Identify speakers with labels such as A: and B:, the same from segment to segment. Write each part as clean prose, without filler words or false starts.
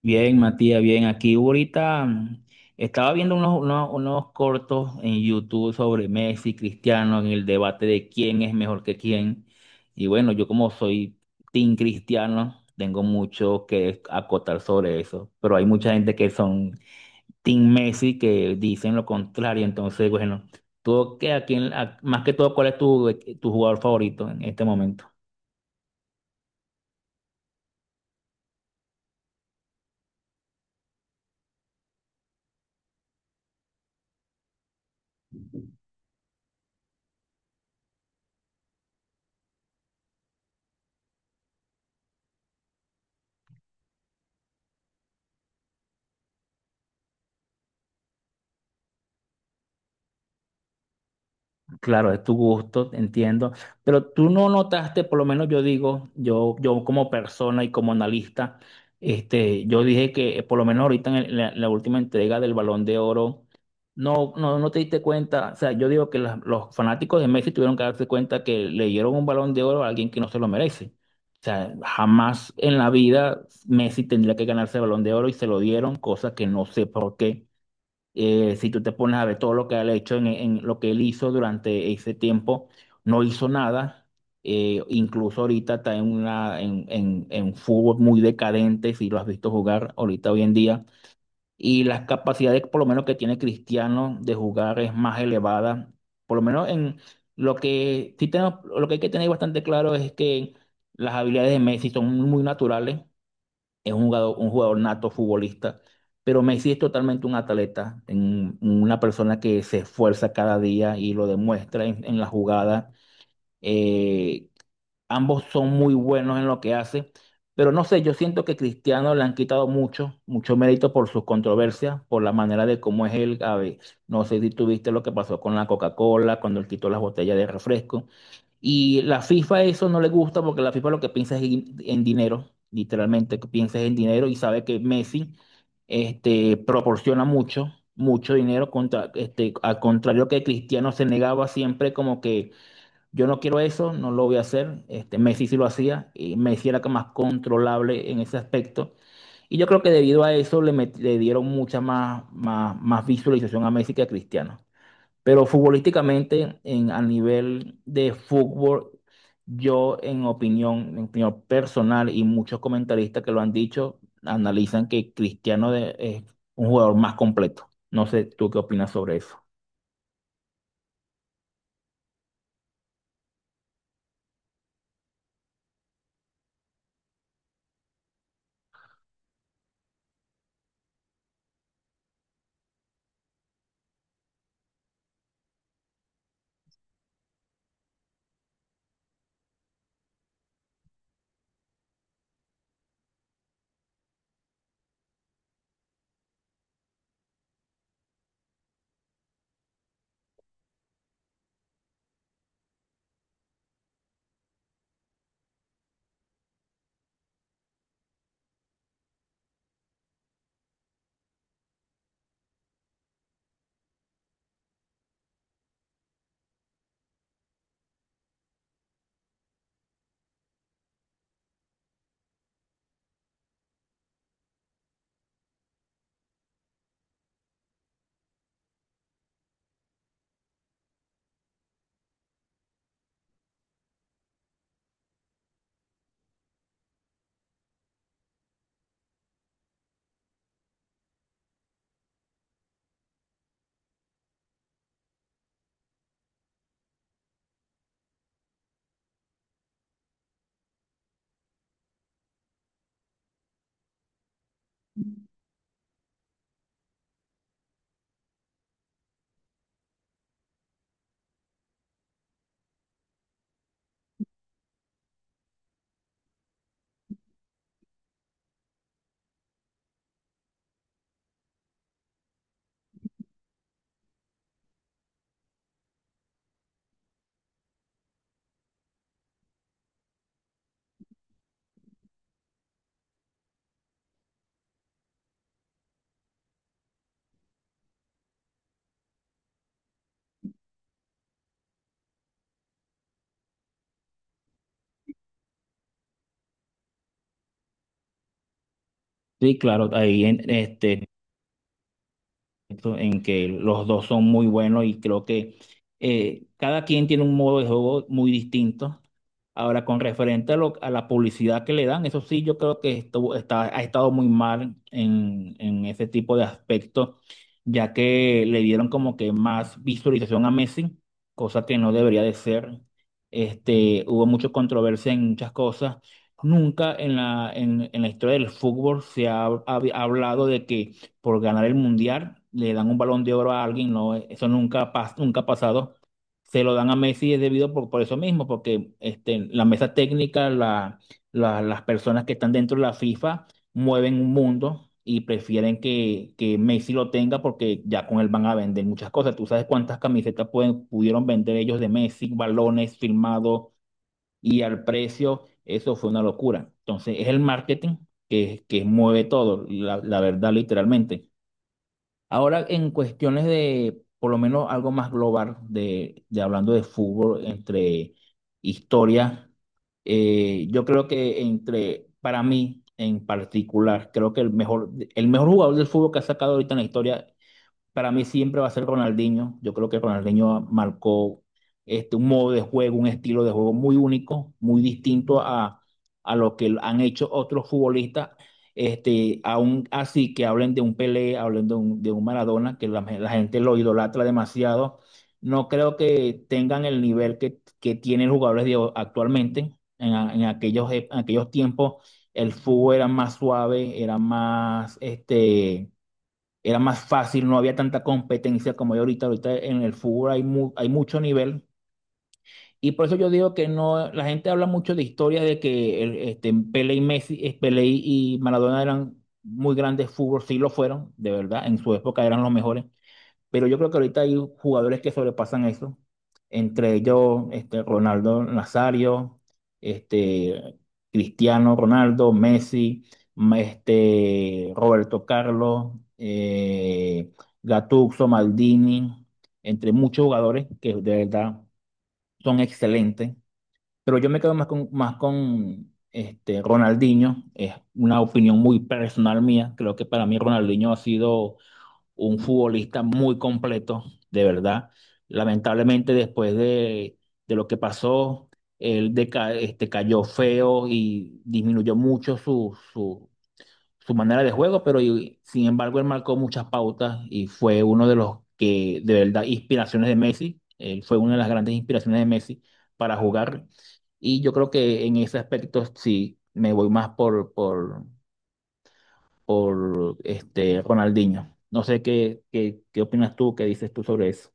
A: Bien, Matías, bien. Aquí ahorita estaba viendo unos cortos en YouTube sobre Messi, Cristiano, en el debate de quién es mejor que quién. Y bueno, yo como soy team cristiano, tengo mucho que acotar sobre eso. Pero hay mucha gente que son team Messi que dicen lo contrario. Entonces, bueno, tú, que a quién, a- más que todo, ¿cuál es tu jugador favorito en este momento? Claro, es tu gusto, entiendo, pero tú no notaste, por lo menos yo digo, yo como persona y como analista, yo dije que por lo menos ahorita en, el- en la última entrega del Balón de Oro, no te diste cuenta, o sea, yo digo que los fanáticos de Messi tuvieron que darse cuenta que le dieron un Balón de Oro a alguien que no se lo merece. O sea, jamás en la vida Messi tendría que ganarse el Balón de Oro y se lo dieron, cosa que no sé por qué. Si tú te pones a ver todo lo que él ha hecho, en lo que él hizo durante ese tiempo, no hizo nada. Incluso ahorita está en, una, en fútbol muy decadente, si lo has visto jugar ahorita hoy en día. Y las capacidades, por lo menos, que tiene Cristiano de jugar es más elevada. Por lo menos en lo que hay que tener bastante claro es que las habilidades de Messi son muy naturales, es un un jugador nato futbolista, pero Messi es totalmente un atleta, una persona que se esfuerza cada día y lo demuestra en la jugada. Eh, Ambos son muy buenos en lo que hace, pero no sé, yo siento que Cristiano le han quitado mucho mérito por sus controversias, por la manera de cómo es él. A ver, no sé si tuviste lo que pasó con la Coca-Cola, cuando él quitó las botellas de refresco. Y la FIFA eso no le gusta porque la FIFA lo que piensa es en dinero, literalmente, que piensa es en dinero y sabe que Messi, proporciona mucho dinero contra, este, al contrario que Cristiano se negaba siempre como que yo no quiero eso, no lo voy a hacer. Este, Messi sí lo hacía y Messi era más controlable en ese aspecto. Y yo creo que debido a eso le dieron más visualización a Messi que a Cristiano. Pero futbolísticamente, a nivel de fútbol, yo en en opinión personal, y muchos comentaristas que lo han dicho, analizan que es un jugador más completo. No sé, ¿tú qué opinas sobre eso? Sí, claro, esto en que los dos son muy buenos y creo que cada quien tiene un modo de juego muy distinto. Ahora, con referente a, a la publicidad que le dan, eso sí, yo creo que esto ha estado muy mal en ese tipo de aspecto, ya que le dieron como que más visualización a Messi, cosa que no debería de ser. Este, hubo mucha controversia en muchas cosas. Nunca en en la historia del fútbol se ha hablado de que por ganar el mundial, le dan un balón de oro a alguien. No, eso nunca, nunca ha pasado. Se lo dan a Messi es debido por eso mismo, porque este, la mesa técnica, las personas que están dentro de la FIFA mueven un mundo y prefieren que Messi lo tenga, porque ya con él van a vender muchas cosas. Tú sabes cuántas camisetas pudieron vender ellos de Messi, balones firmados y al precio, eso fue una locura. Entonces es el marketing que mueve todo, la verdad, literalmente. Ahora, en cuestiones de, por lo menos algo más global, de hablando de fútbol, entre historia, yo creo que entre, para mí en particular, creo que el mejor jugador del fútbol que ha sacado ahorita en la historia, para mí siempre va a ser Ronaldinho. Yo creo que Ronaldinho marcó, este, un modo de juego, un estilo de juego muy único, muy distinto a lo que han hecho otros futbolistas. Este, aún así que hablen de un Pelé, hablen de de un Maradona, que la gente lo idolatra demasiado. No creo que tengan el nivel que tienen los jugadores de actualmente. En aquellos, en aquellos tiempos el fútbol era más suave, era más este, era más fácil, no había tanta competencia como hay ahorita. Ahorita en el fútbol hay mucho nivel. Y por eso yo digo que no, la gente habla mucho de historias de que este, Pelé y Messi, Pelé y Maradona eran muy grandes fútbol, sí lo fueron, de verdad, en su época eran los mejores. Pero yo creo que ahorita hay jugadores que sobrepasan eso, entre ellos este, Ronaldo Nazario, este, Cristiano Ronaldo, Messi, este, Roberto Carlos, Gattuso, Maldini, entre muchos jugadores que de verdad son excelentes. Pero yo me quedo más más con este, Ronaldinho. Es una opinión muy personal mía, creo que para mí Ronaldinho ha sido un futbolista muy completo, de verdad. Lamentablemente después de lo que pasó, este, cayó feo y disminuyó mucho su manera de juego, pero sin embargo él marcó muchas pautas y fue uno de los que, de verdad, inspiraciones de Messi. Él fue una de las grandes inspiraciones de Messi para jugar. Y yo creo que en ese aspecto sí me voy más por este Ronaldinho. No sé qué opinas tú, qué dices tú sobre eso.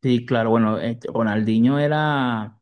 A: Sí, claro, bueno, este, Ronaldinho era,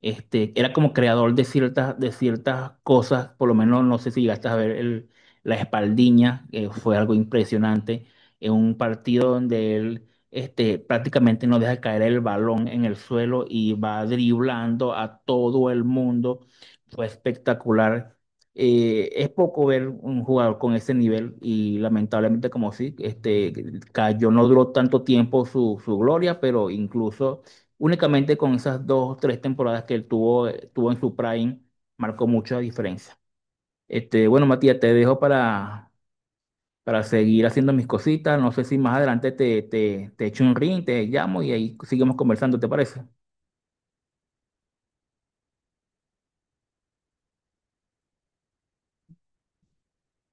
A: este, era como creador de ciertas cosas, por lo menos no sé si llegaste a ver la espaldiña, que fue algo impresionante, en un partido donde él este, prácticamente no deja caer el balón en el suelo y va driblando a todo el mundo, fue espectacular. Eh, es poco ver un jugador con ese nivel y lamentablemente como sí, este, cayó, no duró tanto tiempo su gloria, pero incluso únicamente con esas dos o tres temporadas que él tuvo, tuvo en su prime, marcó mucha diferencia. Este, bueno, Matías, te dejo para seguir haciendo mis cositas. No sé si más adelante te echo un ring, te llamo y ahí seguimos conversando, ¿te parece?